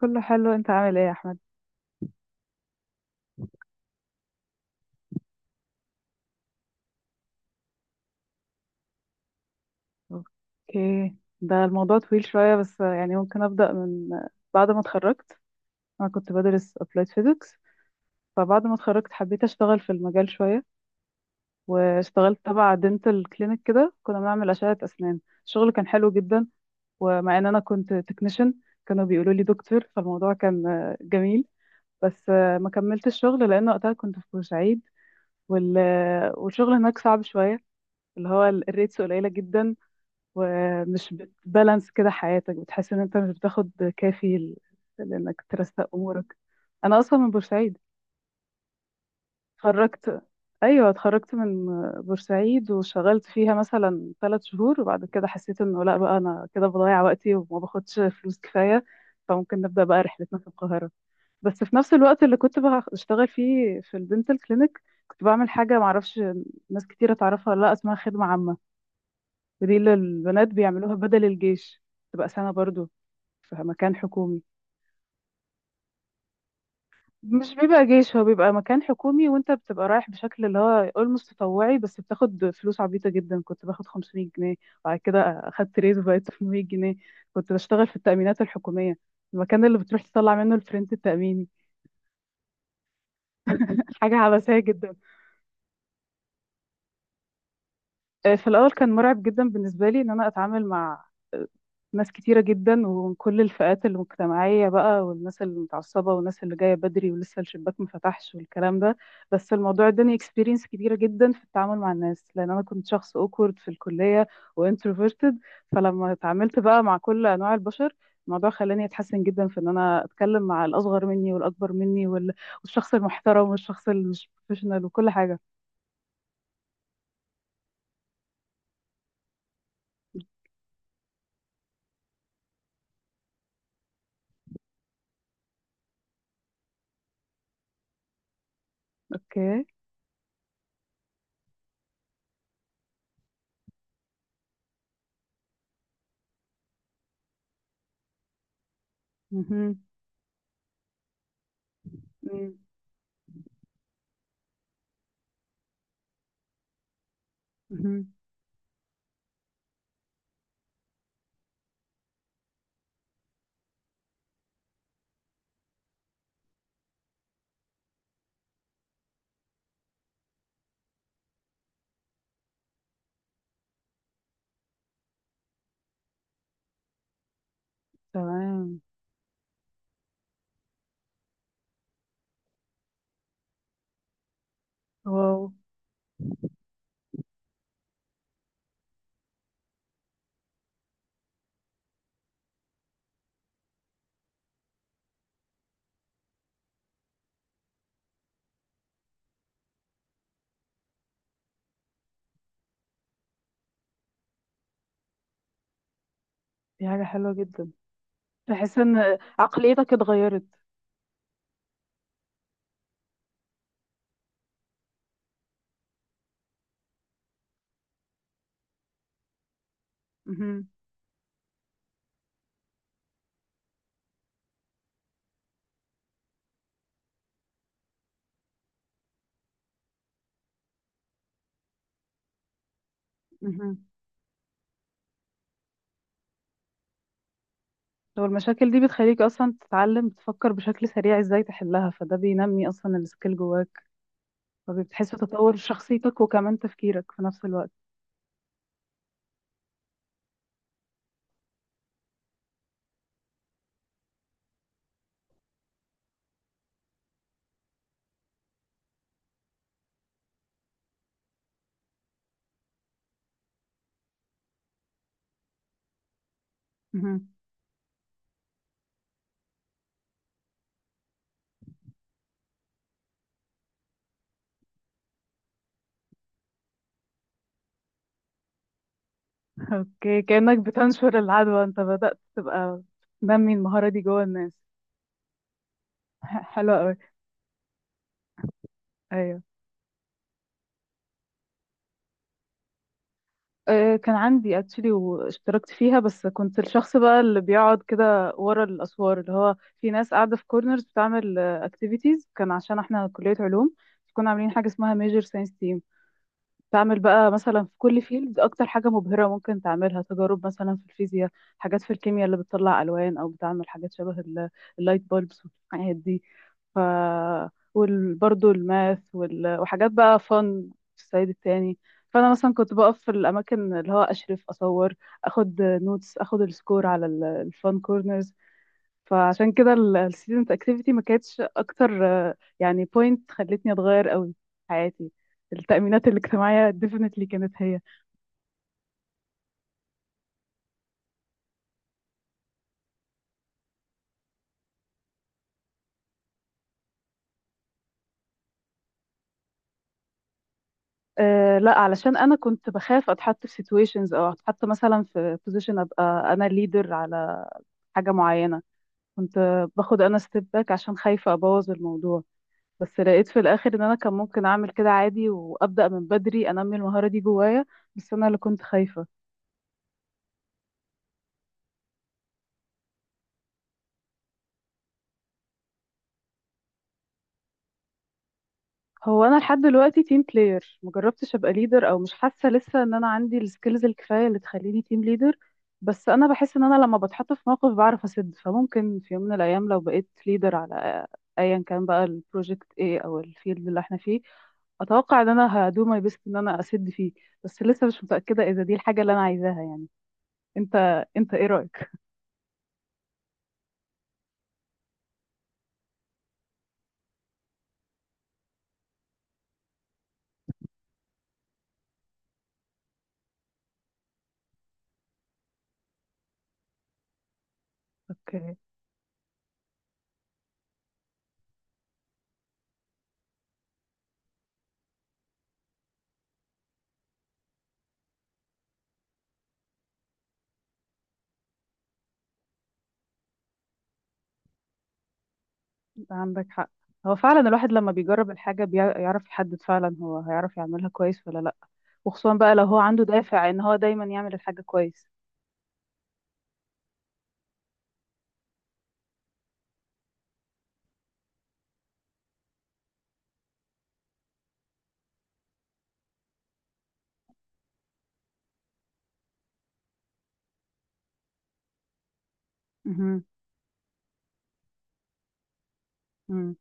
كله حلو، انت عامل ايه يا احمد؟ اوكي. ده الموضوع طويل شوية، بس يعني ممكن ابدأ من بعد ما اتخرجت. انا كنت بدرس applied physics. فبعد ما اتخرجت حبيت اشتغل في المجال شوية، واشتغلت تبع دنتال كلينيك كده كنا بنعمل أشعة اسنان. الشغل كان حلو جدا، ومع ان انا كنت تكنيشن كانوا بيقولوا لي دكتور فالموضوع كان جميل. بس ما كملتش الشغل لان وقتها كنت في بورسعيد، وال... والشغل هناك صعب شوية، اللي هو الريتس قليلة جدا ومش بتبالانس كده حياتك بتحس ان انت مش بتاخد كافي لانك ترسق امورك. انا اصلا من بورسعيد. اتخرجت ايوه اتخرجت من بورسعيد وشغلت فيها مثلا 3 شهور، وبعد كده حسيت انه لا بقى انا كده بضيع وقتي وما باخدش فلوس كفايه، فممكن نبدا بقى رحلتنا في القاهره. بس في نفس الوقت اللي كنت بشتغل فيه في الدنتال كلينيك، كنت بعمل حاجه معرفش ناس كتيره تعرفها ولا لا، اسمها خدمه عامه، ودي اللي البنات بيعملوها بدل الجيش، تبقى سنة برضو، فمكان حكومي. مش بيبقى جيش، هو بيبقى مكان حكومي وانت بتبقى رايح بشكل اللي هو اولموست تطوعي، بس بتاخد فلوس عبيطة جدا. كنت باخد 500 جنيه، وبعد كده اخدت ريز وبقيت 800 جنيه. كنت بشتغل في التأمينات الحكومية، المكان اللي بتروح تطلع منه الفرنت التأميني. حاجة عبثية جدا. آه، في الأول كان مرعب جدا بالنسبة لي إن أنا أتعامل مع آه، ناس كتيرة جدا ومن كل الفئات المجتمعية بقى، والناس المتعصبة والناس اللي جاية بدري ولسه الشباك ما فتحش والكلام ده. بس الموضوع اداني اكسبيرينس كبيرة جدا في التعامل مع الناس، لأن أنا كنت شخص اوكورد في الكلية وانتروفيرتد. فلما اتعاملت بقى مع كل أنواع البشر، الموضوع خلاني اتحسن جدا في ان انا اتكلم مع الاصغر مني والاكبر مني والشخص المحترم والشخص اللي مش بروفيشنال وكل حاجه. اوكي. مهم. مم. مهم. تمام. واو، دي حاجة حلوة جدا. تحس ان عقليتك اتغيرت؟ مهم. مهم. هو المشاكل دي بتخليك اصلا تتعلم تفكر بشكل سريع ازاي تحلها، فده بينمي اصلا السكيل جواك، فبتحس بتطور شخصيتك وكمان تفكيرك في نفس الوقت. مهم. اوكي، كأنك بتنشر العدوى، انت بدأت تبقى تنمي المهارة دي جوه الناس. حلوة قوي. ايوه. آه، كان عندي اكشلي واشتركت فيها، بس كنت الشخص بقى اللي بيقعد كده ورا الاسوار اللي هو في ناس قاعده في كورنرز بتعمل اكتيفيتيز، كان عشان احنا كليه علوم كنا عاملين حاجه اسمها ميجر ساينس تيم. تعمل بقى مثلا في كل فيلد اكتر حاجة مبهرة ممكن تعملها، تجارب مثلا في الفيزياء، حاجات في الكيمياء اللي بتطلع الوان او بتعمل حاجات شبه اللايت بولبس والحاجات دي. ف وبرضه الماث وحاجات بقى فن في الصعيد التاني. فانا مثلا كنت بقف في الاماكن اللي هو اشرف اصور، اخد نوتس، اخد السكور على الفان كورنرز. فعشان كده الستودنت اكتيفيتي ما كانتش اكتر يعني بوينت خلتني اتغير قوي في حياتي. التأمينات الاجتماعية definitely كانت هي. أه، لا، علشان أنا كنت بخاف أتحط في situations أو أتحط مثلا في position أبقى أنا leader على حاجة معينة. كنت باخد أنا step back عشان خايفة أبوظ الموضوع. بس لقيت في الآخر إن أنا كان ممكن أعمل كده عادي وأبدأ من بدري أنمي المهارة دي جوايا، بس أنا اللي كنت خايفة. هو انا لحد دلوقتي تيم بلاير، مجربتش ابقى ليدر، او مش حاسه لسه ان انا عندي السكيلز الكفايه اللي تخليني تيم ليدر. بس انا بحس ان انا لما بتحط في موقف بعرف اسد، فممكن في يوم من الايام لو بقيت ليدر على ايا كان بقى البروجكت ايه او الفيلد اللي احنا فيه، اتوقع ان انا هدو ماي بيست ان انا اسد فيه. بس لسه مش متاكده اذا دي الحاجه اللي انا عايزاها يعني. انت ايه رايك؟ اوكي، انت عندك حق. هو فعلا الواحد لما بيجرب الحاجه بيعرف يحدد فعلا هو هيعرف يعملها كويس ولا لا، وخصوصا بقى لو هو عنده دافع ان هو دايما يعمل الحاجة كويس. مهم. مم.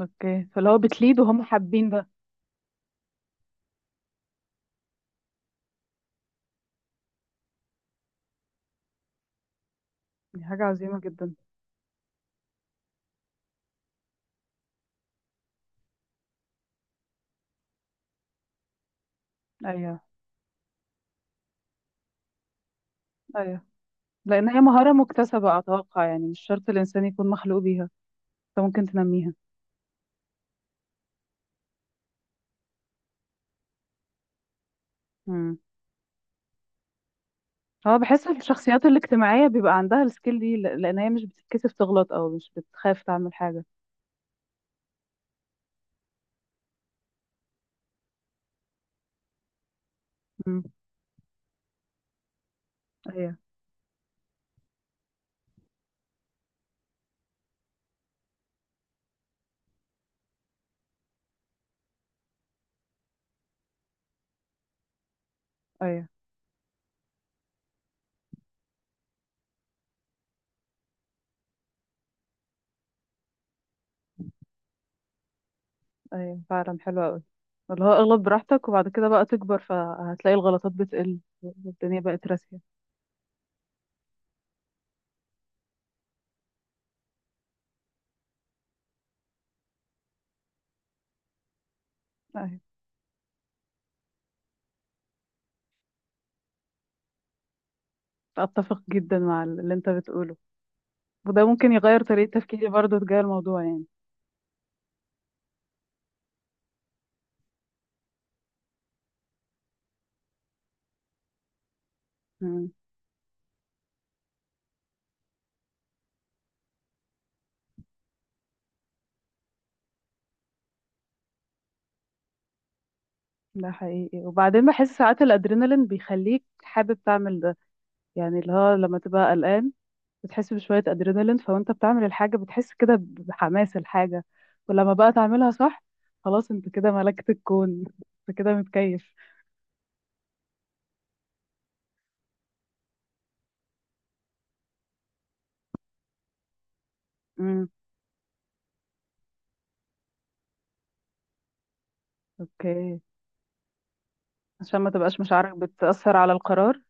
اوكي، فلو هو بتليد وهم حابين ده. دي حاجة عظيمة جدا. ايوه، ايوه. لان هي مهارة مكتسبة اتوقع، يعني مش شرط الانسان يكون مخلوق بيها، انت ممكن تنميها. مم. هو بحس في الشخصيات الاجتماعية بيبقى عندها السكيل دي، لان هي مش بتتكسف تغلط او مش بتخاف تعمل حاجة. مم. ايوه. ايوه. ايوه فعلا حلوة قوي، اللي هو اغلط براحتك وبعد كده بقى تكبر فهتلاقي الغلطات بتقل والدنيا بقت راسية. أيوه. اتفق جدا مع اللي انت بتقوله، وده ممكن يغير طريقة تفكيري برضو تجاه الموضوع يعني. مم. ده حقيقي، وبعدين بحس ساعات الادرينالين بيخليك حابب تعمل ده، يعني اللي هو لما تبقى قلقان بتحس بشوية ادرينالين فوانت بتعمل الحاجة بتحس كده بحماس الحاجة، ولما بقى تعملها صح خلاص انت كده ملكت الكون. انت كده متكيف. امم. اوكي، عشان ما تبقاش مشاعرك بتأثر على القرار.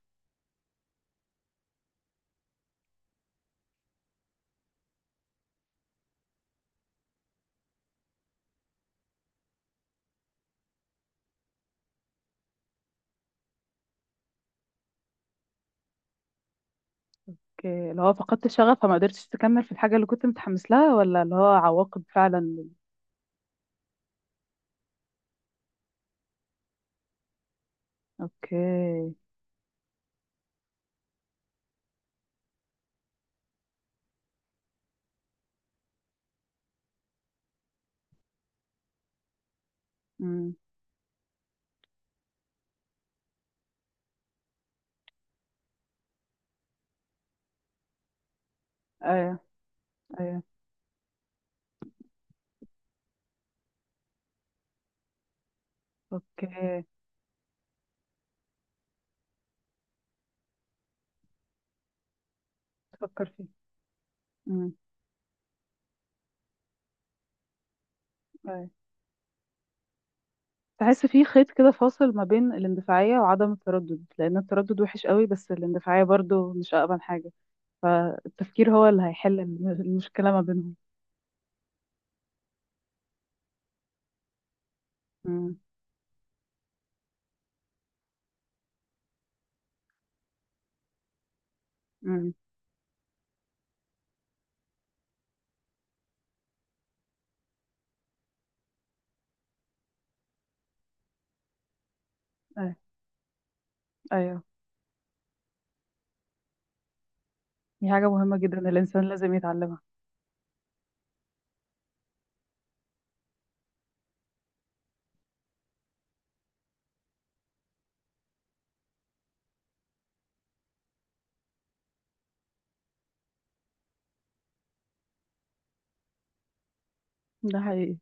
اوكي، اللي هو فقدت الشغف فما قدرتش تكمل في الحاجة اللي كنت متحمس لها، ولا اللي هو عواقب فعلا. اوكي. امم. ايوه. ايوه. اوكي. تفكر فيه. امم. ايوه. تحس في خيط كده فاصل ما بين الاندفاعية وعدم التردد، لأن التردد وحش قوي بس الاندفاعية برضو مش أقبل حاجة، فالتفكير هو اللي هيحل المشكلة ما بينهم. امم. امم. ايوه. أيوة. دي حاجة مهمة جدا، الإنسان لازم يتعلمها. ده حقيقي.